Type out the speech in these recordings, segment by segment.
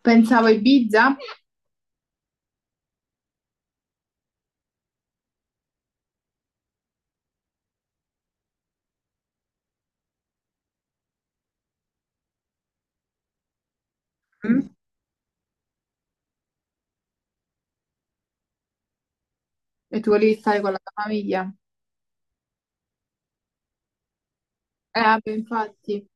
Pensavo a Ibiza. Mm? E tu volevi stare con la tua famiglia. Vabbè, infatti.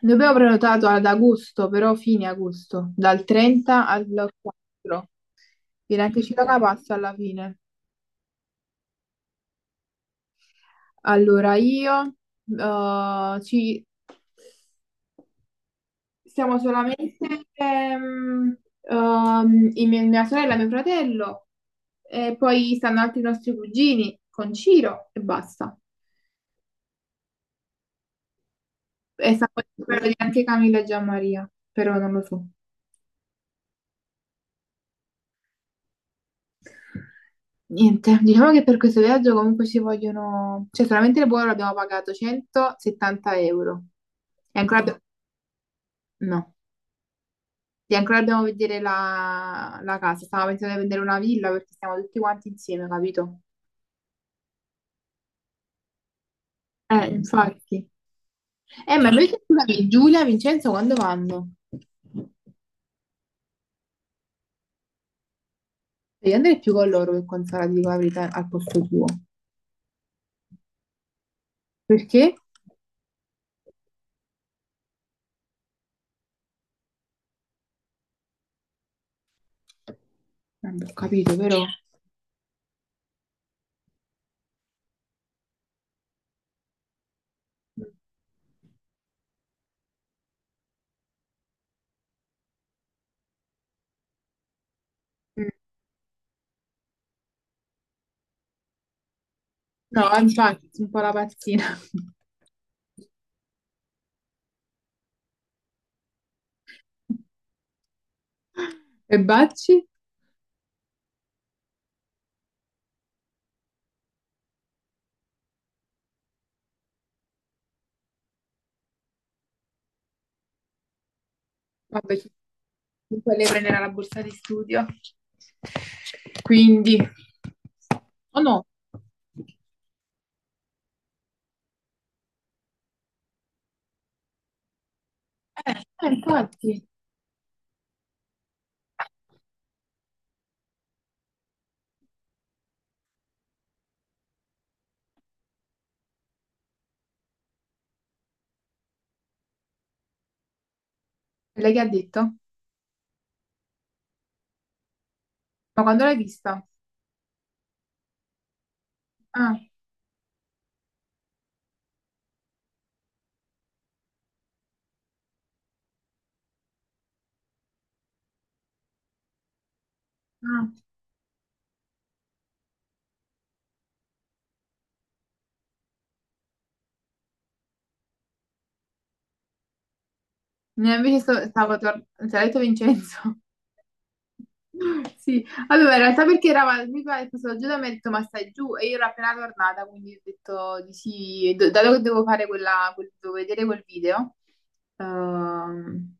Noi abbiamo prenotato ad agosto, però fine agosto, dal 30 al 4. Viene anche Ciroca passa alla fine. Allora, io ci siamo solamente in mia sorella e mio fratello, e poi stanno altri nostri cugini con Ciro e basta. E stanno per di anche Camilla e Gianmaria, però non lo so. Niente, diciamo che per questo viaggio comunque ci vogliono, cioè solamente il volo abbiamo pagato 170 euro. E ancora. No, e ancora dobbiamo vedere la casa. Stavo pensando di vendere una villa perché stiamo tutti quanti insieme, capito? Mm. Infatti. Ma certo. Invece, scusami, Giulia, Vincenzo, quando vanno? Devi andare più con loro che con Sara, ti dico la verità, al posto tuo. Perché? Non ho capito, però. No, infatti, sono un po' la pazzina. E Bacci? Vabbè, comunque lei prenderà la borsa di studio. Quindi, oh no. Eh, infatti. E lei che ha detto? Ma quando l'hai vista? Ah, ah. No, invece stavo tornando, se l'ha detto Vincenzo. Sì, allora in realtà perché eravamo, mi pare, questo oggi da me ha detto ma stai giù e io ero appena tornata quindi ho detto di sì, e dato che devo fare quella, devo vedere quel video, ehm,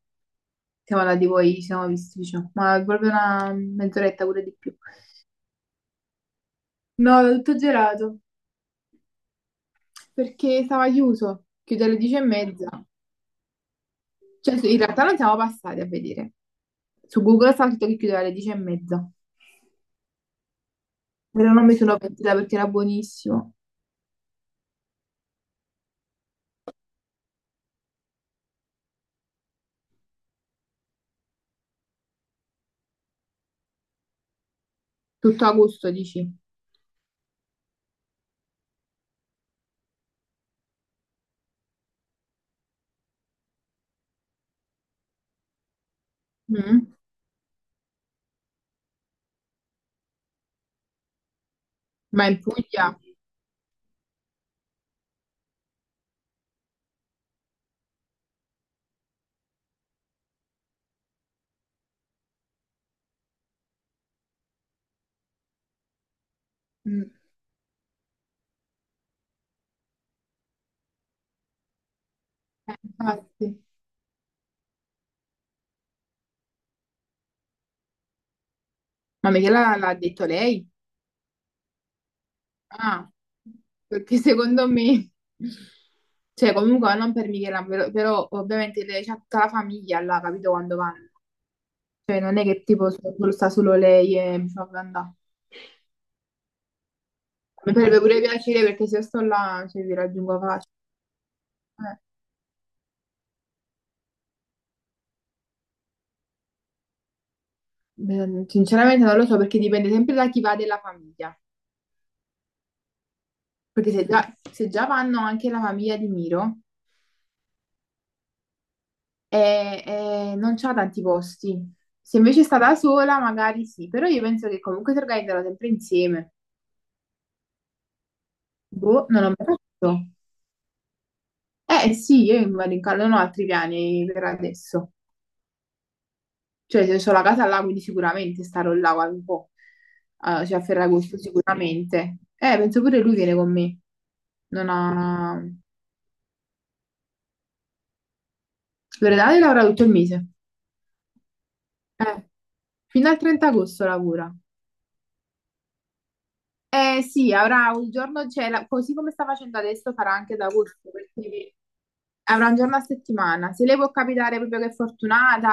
siamo andati poi, ci siamo visti, diciamo, ma proprio una mezz'oretta pure di più. No, l'ho tutto gelato perché stava chiuso, chiude alle 10:30, cioè sì, in realtà non siamo passati a vedere, su Google stava scritto che chiudeva alle 10:30, però non mi sono pentita perché era buonissimo, tutto a gusto, dici. Mm? Ma in Puglia? Mm, infatti. Ma Michela l'ha detto lei? Ah, perché secondo me, cioè comunque non per Michela, però ovviamente lei c'ha tutta la famiglia là, capito quando vanno? Cioè non è che tipo so, sta solo lei e mi fa andare. Mi farebbe pure piacere perché se io sto là, cioè, vi raggiungo facile. Sinceramente non lo so perché dipende sempre da chi va della famiglia. Perché se già vanno anche la famiglia di Miro, e non c'ha tanti posti. Se invece sta da sola, magari sì, però io penso che comunque si organizzano sempre insieme. Boh, non l'ho mai fatto. Eh sì, io vado in non ho altri piani per adesso. Cioè, se ho la casa là, quindi sicuramente starò là qualche un po'. Ah, cioè a Ferragosto sicuramente. Penso pure lui viene con me. Non ha... Loredana lavora tutto il mese. Eh, fino al 30 agosto lavora. Eh sì, avrà un giorno, cioè, così come sta facendo adesso, farà anche da agosto, perché avrà un giorno a settimana. Se lei può capitare proprio che è fortunata,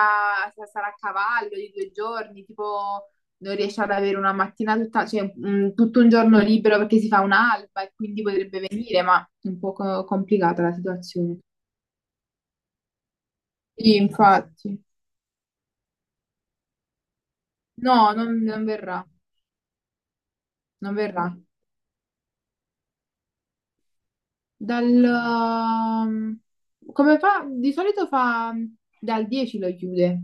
sarà a cavallo di 2 giorni, tipo non riesce ad avere una mattina tutta, cioè, tutto un giorno libero perché si fa un'alba e quindi potrebbe venire, ma è un po' complicata la situazione. Sì, infatti. No, non verrà, non verrà. Dal... ehm, Come fa? Di solito fa dal 10 lo chiude.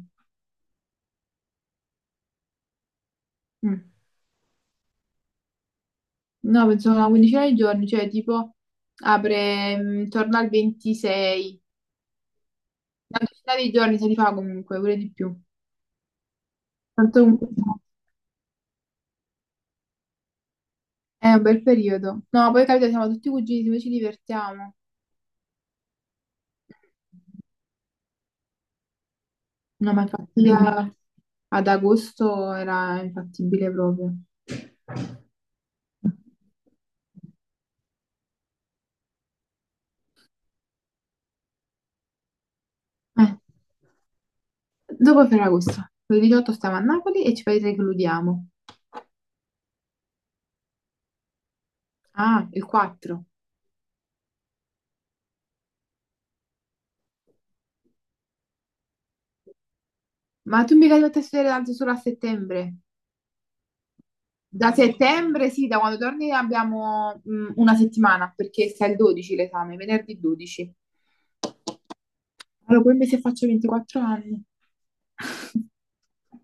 Mm. No, penso una quindicina di giorni, cioè tipo apre intorno al 26. Una decina di giorni se li fa comunque, pure di più. Tanto comunque è un bel periodo. No, poi capito, siamo tutti cugini, noi ci divertiamo. No, ma infatti ad agosto era infattibile proprio. Eh, dopo Ferragosto, il 18 stiamo a Napoli e ci precludiamo. Ah, il 4. Ma tu mica dovresti studiare tanto solo a settembre. Da settembre, sì, da quando torni abbiamo una settimana, perché sta il 12 l'esame, venerdì 12. Allora, poi mi se faccio 24 anni.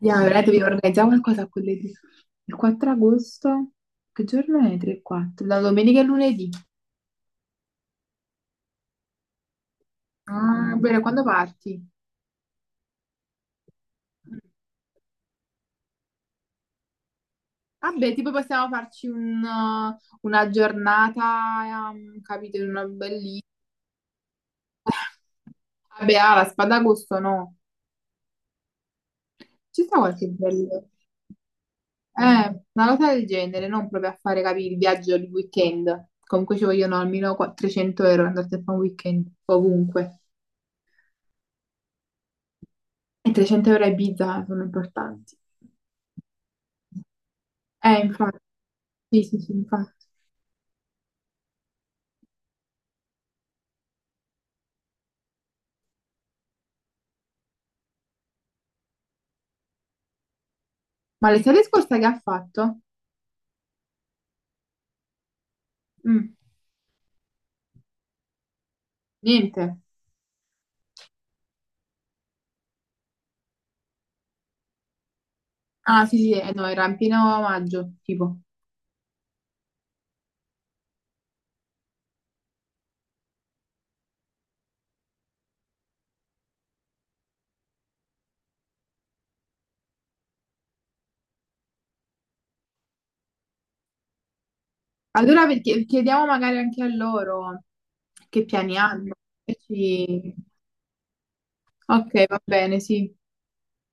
Ya, veramente vi organizziamo qualcosa a quell'edì. Il 4 agosto, che giorno è? 3 e 4? Da domenica e lunedì. Ah, bene, quando parti? Vabbè, tipo possiamo farci una giornata, capito, in una bellissima. Vabbè, ah, la spada a gusto no. Ci sta qualche bello. Una cosa del genere, non proprio a fare, capire il viaggio di weekend. Comunque ci vogliono almeno 300 euro andate a fare un weekend, ovunque. E 300 euro a Ibiza sono importanti. Infatti, sì, sì, sì, infatti. Ma l'estate scorsa che ha fatto? Mm, niente. Ah, sì, sì, no, era in pieno maggio, tipo. Allora chiediamo magari anche a loro che piani hanno. E ci... Ok, va bene, sì.